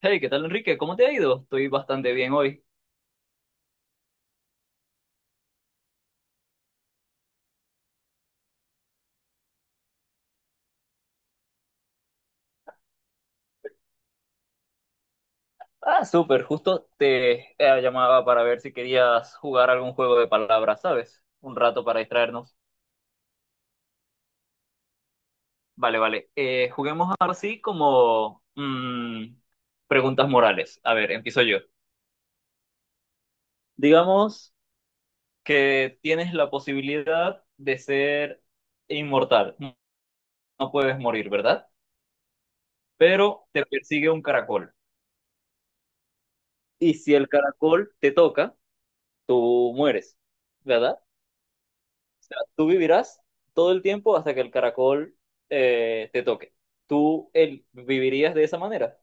Hey, ¿qué tal, Enrique? ¿Cómo te ha ido? Estoy bastante bien hoy. Ah, súper, justo te llamaba para ver si querías jugar algún juego de palabras, ¿sabes? Un rato para distraernos. Vale, vale. Juguemos ahora sí como preguntas morales. A ver, empiezo yo. Digamos que tienes la posibilidad de ser inmortal. No no, puedes morir, ¿verdad? Pero te persigue un caracol. Y si el caracol te toca, tú mueres, ¿verdad? Sea, tú vivirás todo el tiempo hasta que el caracol te toque. ¿Tú el, vivirías de esa manera?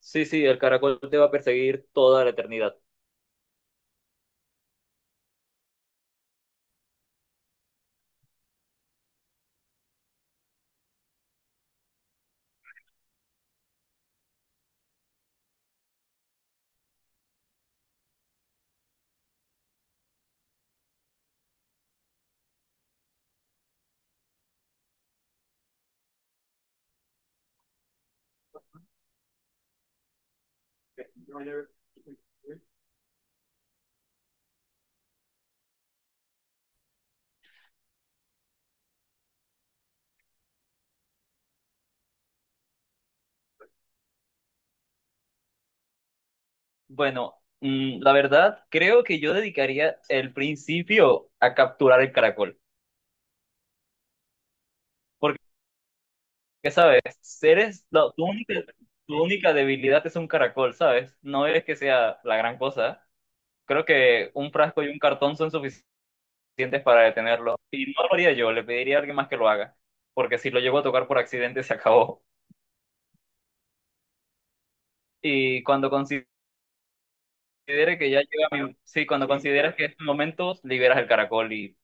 Sí, sí, el caracol te va a perseguir toda la eternidad. Bueno, mm, la verdad, creo que yo dedicaría el principio a capturar el caracol. Porque, ¿sabes? Eres, la- tu única debilidad es un caracol, ¿sabes? No eres que sea la gran cosa. Creo que un frasco y un cartón son suficientes. Suficientes para detenerlo. Y no lo haría yo, le pediría a alguien más que lo haga, porque si lo llego a tocar por accidente se acabó. Y cuando considere que ya llega mi... Sí, cuando consideras que es tu momento, liberas el caracol y...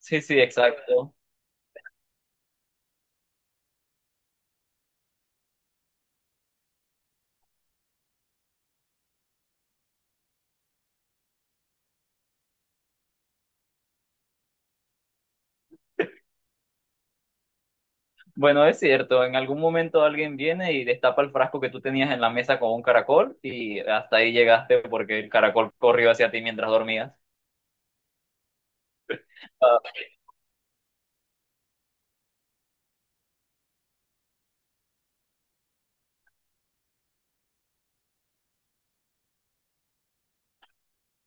Sí, sí, exacto. Bueno, es cierto, en algún momento alguien viene y destapa el frasco que tú tenías en la mesa con un caracol y hasta ahí llegaste porque el caracol corrió hacia ti mientras dormías. Ah,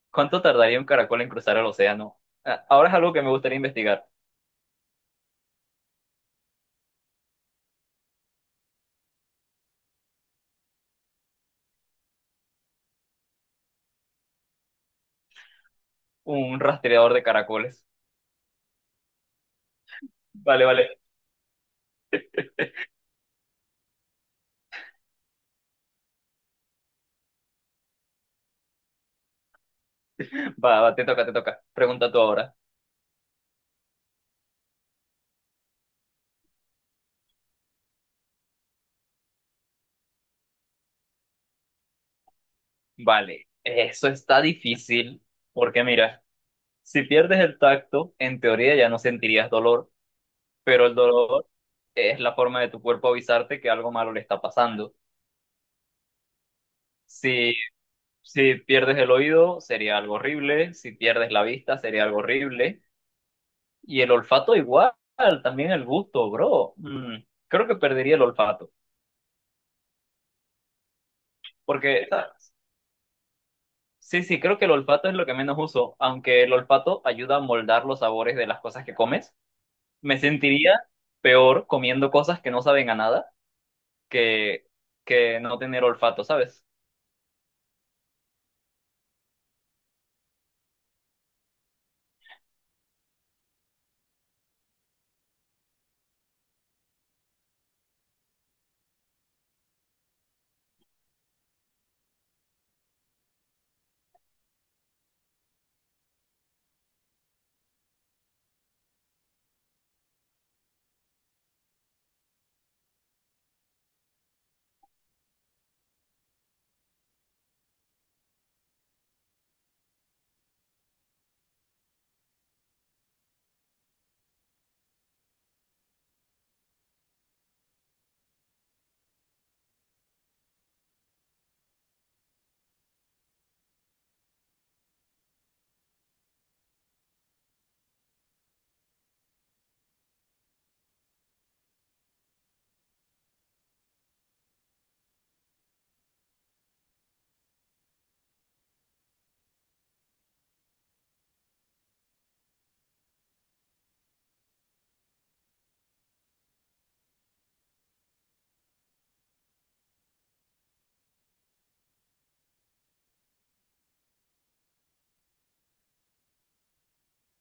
¿cuánto tardaría un caracol en cruzar el océano? Ah, ahora es algo que me gustaría investigar, un rastreador de caracoles. Vale, vale. Va, va, te toca, te toca. Pregunta tú ahora. Vale, eso está difícil porque mira, si pierdes el tacto, en teoría ya no sentirías dolor, pero el dolor es la forma de tu cuerpo avisarte que algo malo le está pasando. Si, si pierdes el oído, sería algo horrible, si pierdes la vista, sería algo horrible, y el olfato igual, también el gusto, bro. Mm, creo que perdería el olfato, porque sí, sí, creo que el olfato es lo que menos uso, aunque el olfato ayuda a moldar los sabores de las cosas que comes. Me sentiría peor comiendo cosas que no saben a nada que, que no tener olfato, ¿sabes?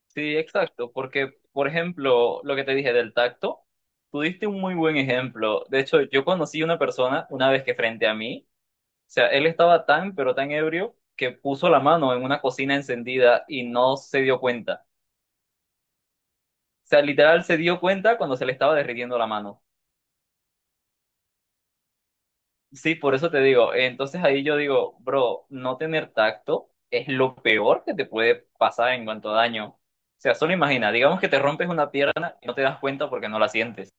Sí, exacto, porque, por ejemplo, lo que te dije del tacto, tú diste un muy buen ejemplo. De hecho, yo conocí una persona una vez que frente a mí, o sea, él estaba tan, pero tan ebrio que puso la mano en una cocina encendida y no se dio cuenta. O sea, literal se dio cuenta cuando se le estaba derritiendo la mano. Sí, por eso te digo. Entonces ahí yo digo, bro, no tener tacto es lo peor que te puede pasar en cuanto a daño. O sea, solo imagina, digamos que te rompes una pierna y no te das cuenta porque no la sientes.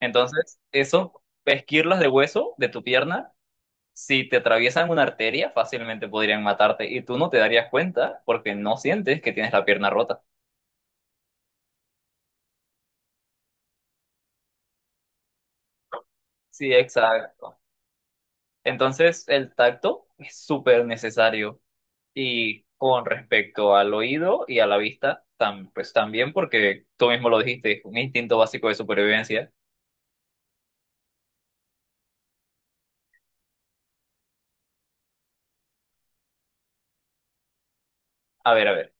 Entonces, eso, esquirlas de hueso de tu pierna, si te atraviesan una arteria, fácilmente podrían matarte y tú no te darías cuenta porque no sientes que tienes la pierna rota. Sí, exacto. Entonces, el tacto es súper necesario. Y con respecto al oído y a la vista, tam- pues también, porque tú mismo lo dijiste, es un instinto básico de supervivencia. A ver,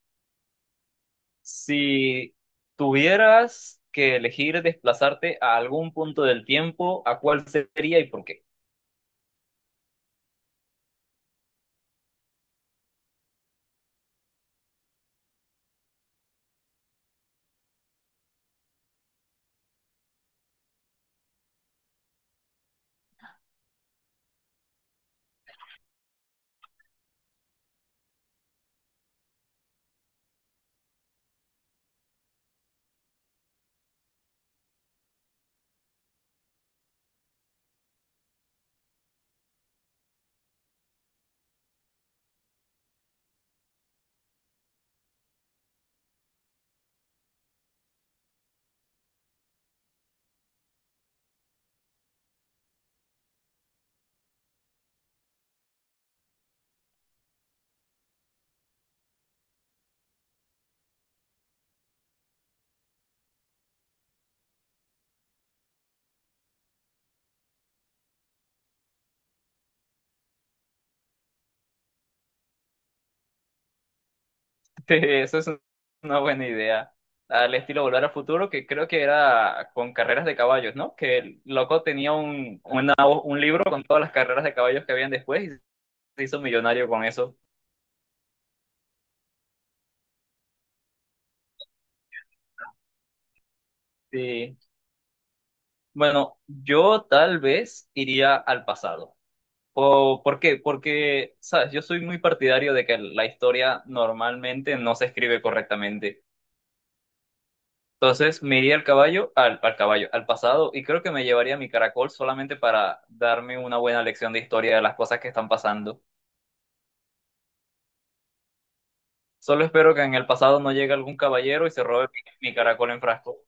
si tuvieras que elegir desplazarte a algún punto del tiempo, ¿a cuál sería y por qué? Eso es una buena idea. Al estilo Volver al Futuro, que creo que era con carreras de caballos, ¿no? Que el loco tenía un, una- un libro con todas las carreras de caballos que habían después y se hizo millonario con eso. Sí. Bueno, yo tal vez iría al pasado. ¿O por qué? Porque, sabes, yo soy muy partidario de que la historia normalmente no se escribe correctamente. Entonces, me iría al caballo, al caballo, al pasado, y creo que me llevaría mi caracol solamente para darme una buena lección de historia de las cosas que están pasando. Solo espero que en el pasado no llegue algún caballero y se robe mi caracol en frasco.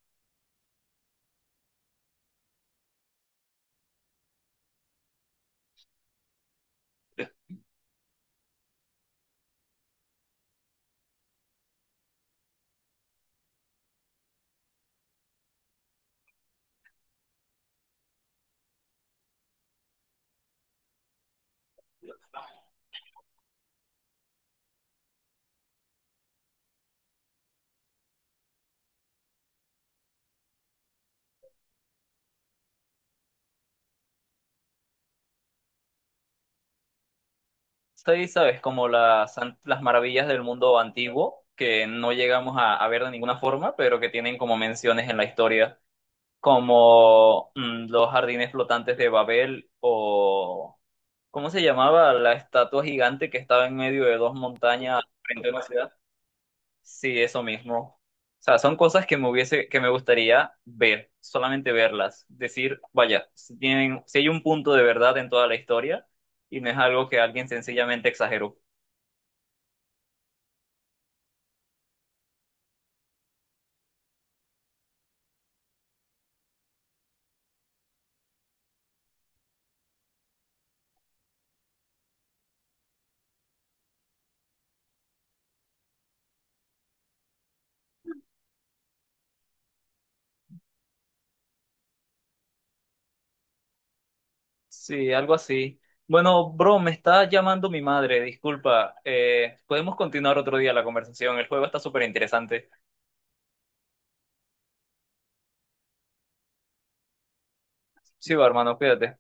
Sí, sabes, como las, an- las maravillas del mundo antiguo, que no llegamos a ver de ninguna forma, pero que tienen como menciones en la historia, como mm, los jardines flotantes de Babel o, ¿cómo se llamaba? La estatua gigante que estaba en medio de dos montañas frente a una ciudad. Sí, eso mismo. O sea, son cosas que me hubiese, que me gustaría ver, solamente verlas, decir, vaya, si tienen, si hay un punto de verdad en toda la historia y no es algo que alguien sencillamente exageró. Sí, algo así. Bueno, bro, me está llamando mi madre, disculpa. Podemos continuar otro día la conversación. El juego está súper interesante. Sí, va, hermano, cuídate.